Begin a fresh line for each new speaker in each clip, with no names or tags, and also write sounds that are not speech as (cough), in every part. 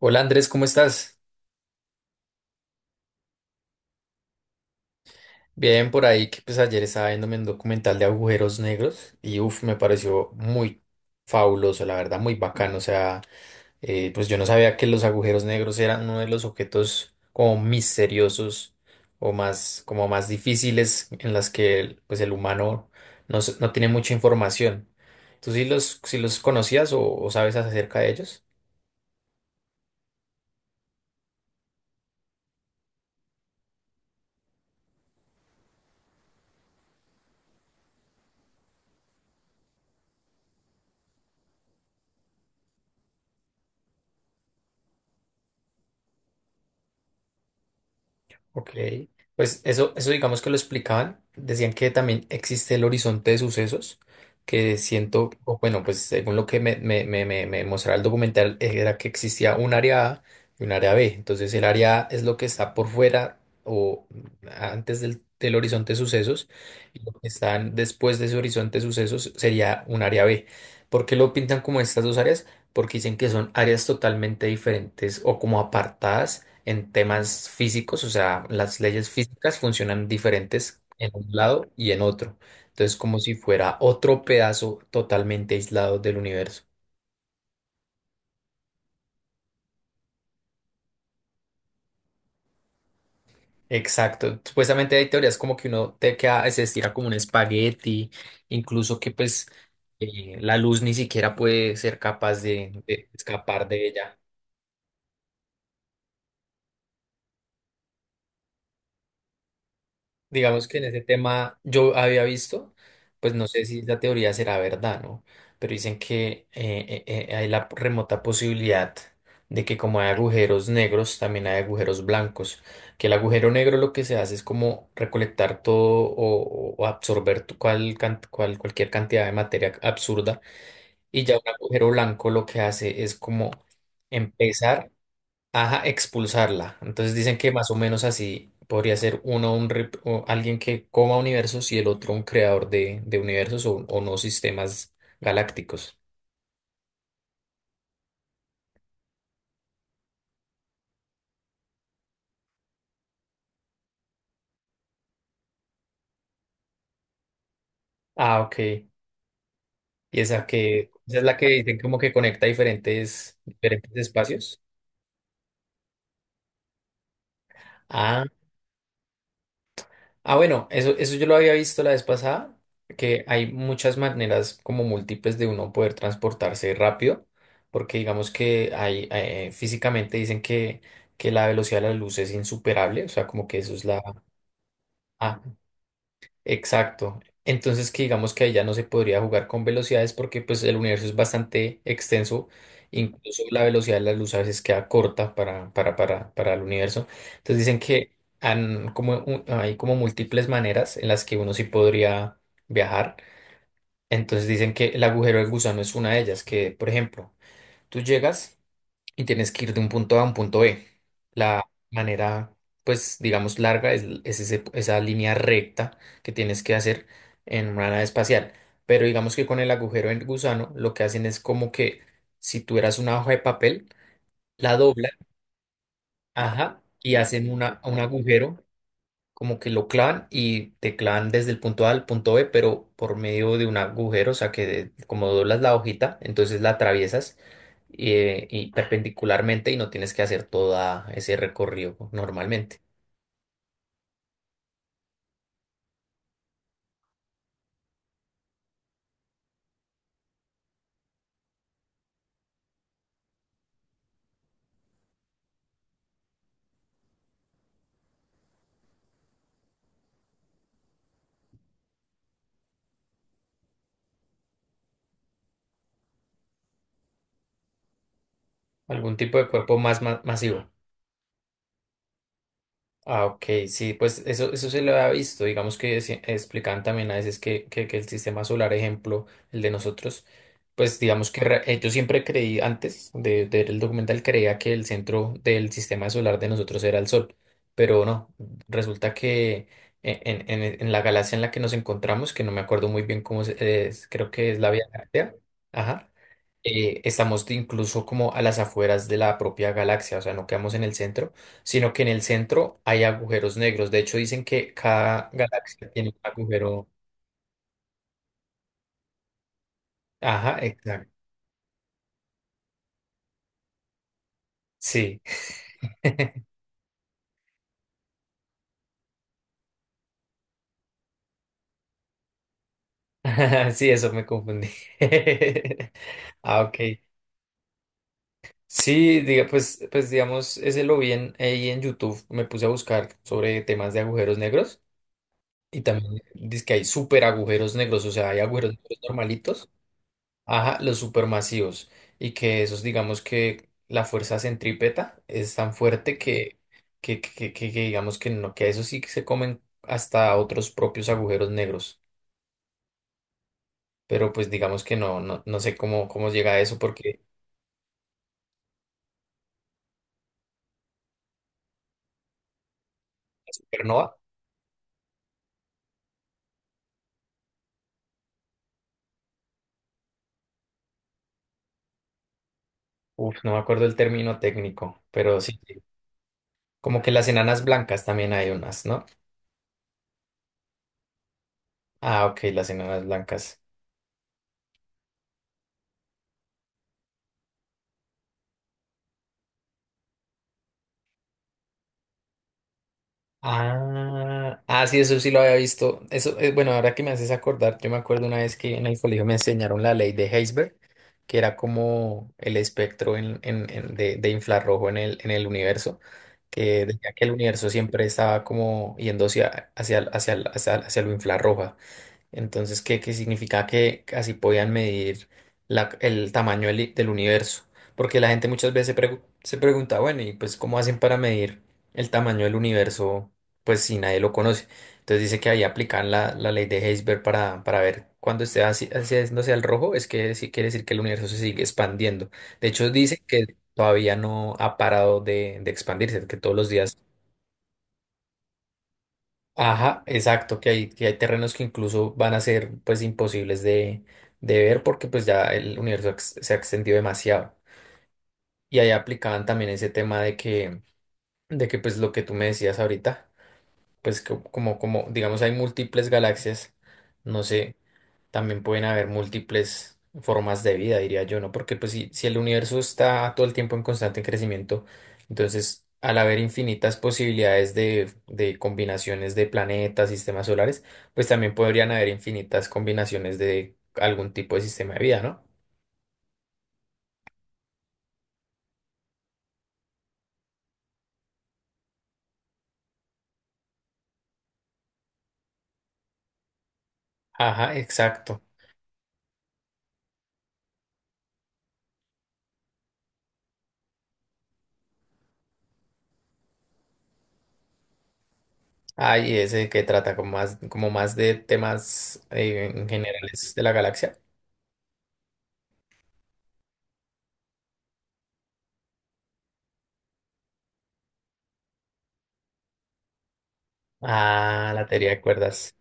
Hola Andrés, ¿cómo estás? Bien, por ahí que pues ayer estaba viéndome un documental de agujeros negros y uff, me pareció muy fabuloso, la verdad, muy bacano. O sea, pues yo no sabía que los agujeros negros eran uno de los objetos como misteriosos o más, como más difíciles en las que pues el humano no, no tiene mucha información. ¿Tú sí los conocías o sabes acerca de ellos? Ok, pues eso digamos que lo explicaban. Decían que también existe el horizonte de sucesos, que siento, o bueno, pues según lo que me mostraba el documental, era que existía un área A y un área B. Entonces el área A es lo que está por fuera o antes del horizonte de sucesos, y lo que están después de ese horizonte de sucesos sería un área B. ¿Por qué lo pintan como estas dos áreas? Porque dicen que son áreas totalmente diferentes o como apartadas en temas físicos, o sea, las leyes físicas funcionan diferentes en un lado y en otro. Entonces, como si fuera otro pedazo totalmente aislado del universo. Exacto. Supuestamente hay teorías como que uno te queda, se estira como un espagueti, incluso que pues la luz ni siquiera puede ser capaz de escapar de ella. Digamos que en ese tema yo había visto, pues no sé si la teoría será verdad, ¿no? Pero dicen que hay la remota posibilidad de que como hay agujeros negros, también hay agujeros blancos, que el agujero negro lo que se hace es como recolectar todo o absorber cualquier cantidad de materia absurda, y ya un agujero blanco lo que hace es como empezar. Ajá, expulsarla. Entonces dicen que más o menos así podría ser uno un o alguien que coma universos y el otro un creador de universos o no sistemas galácticos. Ah, ok. Y esa que esa es la que dicen como que conecta diferentes espacios. Ah, ah, bueno, eso yo lo había visto la vez pasada, que hay muchas maneras como múltiples de uno poder transportarse rápido, porque digamos que hay, físicamente dicen que la velocidad de la luz es insuperable, o sea, como que eso es la. Ah, exacto. Entonces que digamos que ahí ya no se podría jugar con velocidades porque pues el universo es bastante extenso, incluso la velocidad de la luz a veces queda corta para el universo. Entonces dicen que han como, hay como múltiples maneras en las que uno sí podría viajar. Entonces dicen que el agujero del gusano es una de ellas, que por ejemplo, tú llegas y tienes que ir de un punto A a un punto B. La manera, pues, digamos, larga es esa línea recta que tienes que hacer en una nave espacial. Pero digamos que con el agujero en gusano, lo que hacen es como que si tú eras una hoja de papel, la doblan, ajá, y hacen un agujero como que lo clavan y te clavan desde el punto A al punto B, pero por medio de un agujero, o sea que como doblas la hojita, entonces la atraviesas y perpendicularmente y no tienes que hacer todo ese recorrido normalmente. Algún tipo de cuerpo más masivo. Ah, ok, sí, pues eso se lo ha visto. Digamos que explican también a veces que, que el sistema solar, ejemplo, el de nosotros, pues digamos que yo siempre creí, antes de ver el documental, creía que el centro del sistema solar de nosotros era el Sol, pero no, resulta que en, en la galaxia en la que nos encontramos, que no me acuerdo muy bien cómo es, creo que es la Vía Láctea, ajá, estamos incluso como a las afueras de la propia galaxia, o sea, no quedamos en el centro, sino que en el centro hay agujeros negros. De hecho, dicen que cada galaxia tiene un agujero. Ajá, exacto. Sí, (laughs) sí, eso me confundí. (laughs) Ah, ok. Sí, diga, pues digamos, ese lo vi ahí en YouTube, me puse a buscar sobre temas de agujeros negros y también dice que hay súper agujeros negros, o sea, hay agujeros negros normalitos. Ajá, los supermasivos. Y que esos, digamos que la fuerza centrípeta es tan fuerte que digamos que no, que a eso sí que se comen hasta otros propios agujeros negros. Pero pues digamos que no sé cómo llega a eso, porque supernova, uf, no me acuerdo el término técnico, pero sí, como que las enanas blancas también hay unas, ¿no? Ah, ok, las enanas blancas. Ah, ah, sí, eso sí lo había visto. Eso, bueno, ahora que me haces acordar, yo me acuerdo una vez que en el colegio me enseñaron la ley de Heisberg, que era como el espectro de infrarrojo en el universo, que decía que el universo siempre estaba como yendo hacia lo infrarrojo. Entonces, ¿qué significa que así podían medir el tamaño del universo? Porque la gente muchas veces se pregunta, bueno, ¿y pues cómo hacen para medir el tamaño del universo? Pues si nadie lo conoce. Entonces dice que ahí aplican la ley de Heisberg para ver cuando esté así, haciéndose al rojo, es que sí quiere decir que el universo se sigue expandiendo. De hecho, dice que todavía no ha parado de expandirse, que todos los días. Ajá, exacto, que hay terrenos que incluso van a ser pues imposibles de ver porque pues ya el universo se ha extendido demasiado. Y ahí aplicaban también ese tema de que pues lo que tú me decías ahorita pues como, digamos, hay múltiples galaxias, no sé, también pueden haber múltiples formas de vida, diría yo, ¿no? Porque pues si el universo está todo el tiempo en constante crecimiento, entonces al haber infinitas posibilidades de combinaciones de planetas, sistemas solares, pues también podrían haber infinitas combinaciones de algún tipo de sistema de vida, ¿no? Ajá, exacto. Ahí ese que trata como más de temas en generales de la galaxia. Ah, la teoría de cuerdas.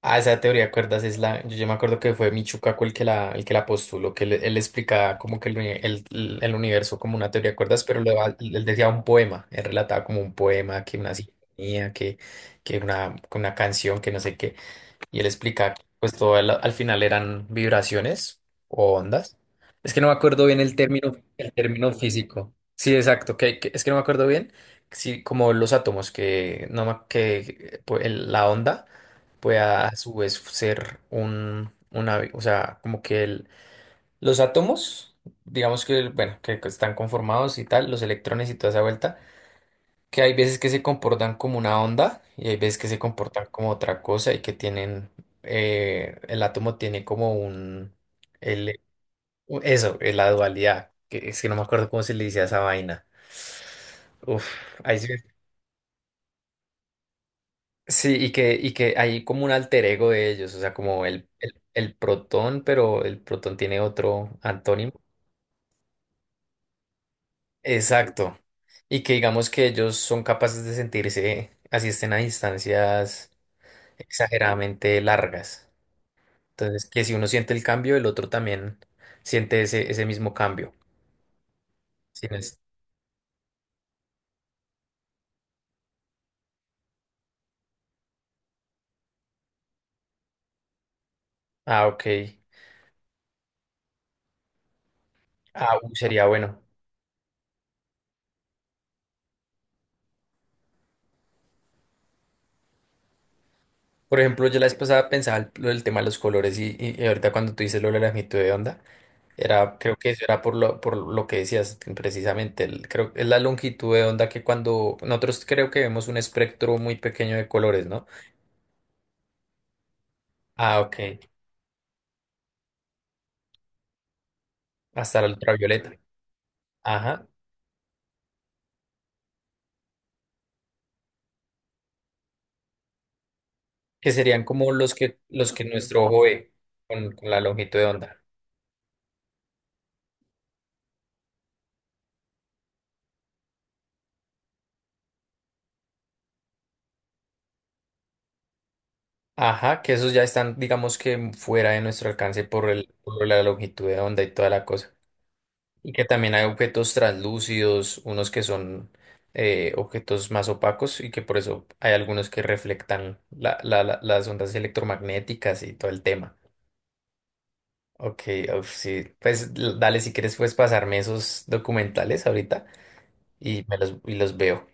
Ah, esa teoría de cuerdas es la. Yo me acuerdo que fue Michio el que la postuló, que él explicaba como que el universo como una teoría de cuerdas, pero él decía un poema. Él relataba como un poema, que una sinfonía, que una canción, que no sé qué. Y él explica que pues todo al final eran vibraciones o ondas. Es que no me acuerdo bien el término físico. Sí, exacto, es que no me acuerdo bien si como los átomos que no me- que pues, la onda pueda a su vez ser un una, o sea, como que los átomos, digamos que bueno, que están conformados y tal, los electrones y toda esa vuelta que hay veces que se comportan como una onda y hay veces que se comportan como otra cosa y que tienen, el átomo tiene como el, eso, la dualidad, que es que no me acuerdo cómo se le decía a esa vaina. Uf, ahí sí, sí, y que hay como un alter ego de ellos, o sea, como el protón, pero el protón tiene otro antónimo. Exacto. Y que digamos que ellos son capaces de sentirse, así estén a distancias exageradamente largas. Entonces, que si uno siente el cambio, el otro también siente ese mismo cambio. Si no es- Ah, ok. Ah, uy, sería bueno. Por ejemplo, yo la vez pasada pensaba lo del tema de los colores y ahorita cuando tú dices lo de la longitud de onda, era, creo que eso era por lo que decías precisamente. El creo es la longitud de onda que cuando nosotros creo que vemos un espectro muy pequeño de colores, ¿no? Ah, ok. Hasta la ultravioleta. Ajá, que serían como los que nuestro ojo ve con la longitud de onda. Ajá, que esos ya están, digamos que fuera de nuestro alcance por el, por la longitud de onda y toda la cosa. Y que también hay objetos translúcidos, unos que son objetos más opacos y que por eso hay algunos que reflectan las ondas electromagnéticas y todo el tema. Ok, uf, sí, pues dale, si quieres puedes pasarme esos documentales ahorita y y los veo.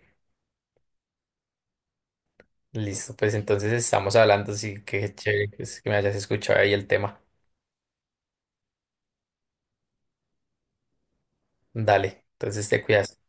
Listo, pues entonces estamos hablando, así que chévere pues, que me hayas escuchado ahí el tema. Dale, entonces te cuidas.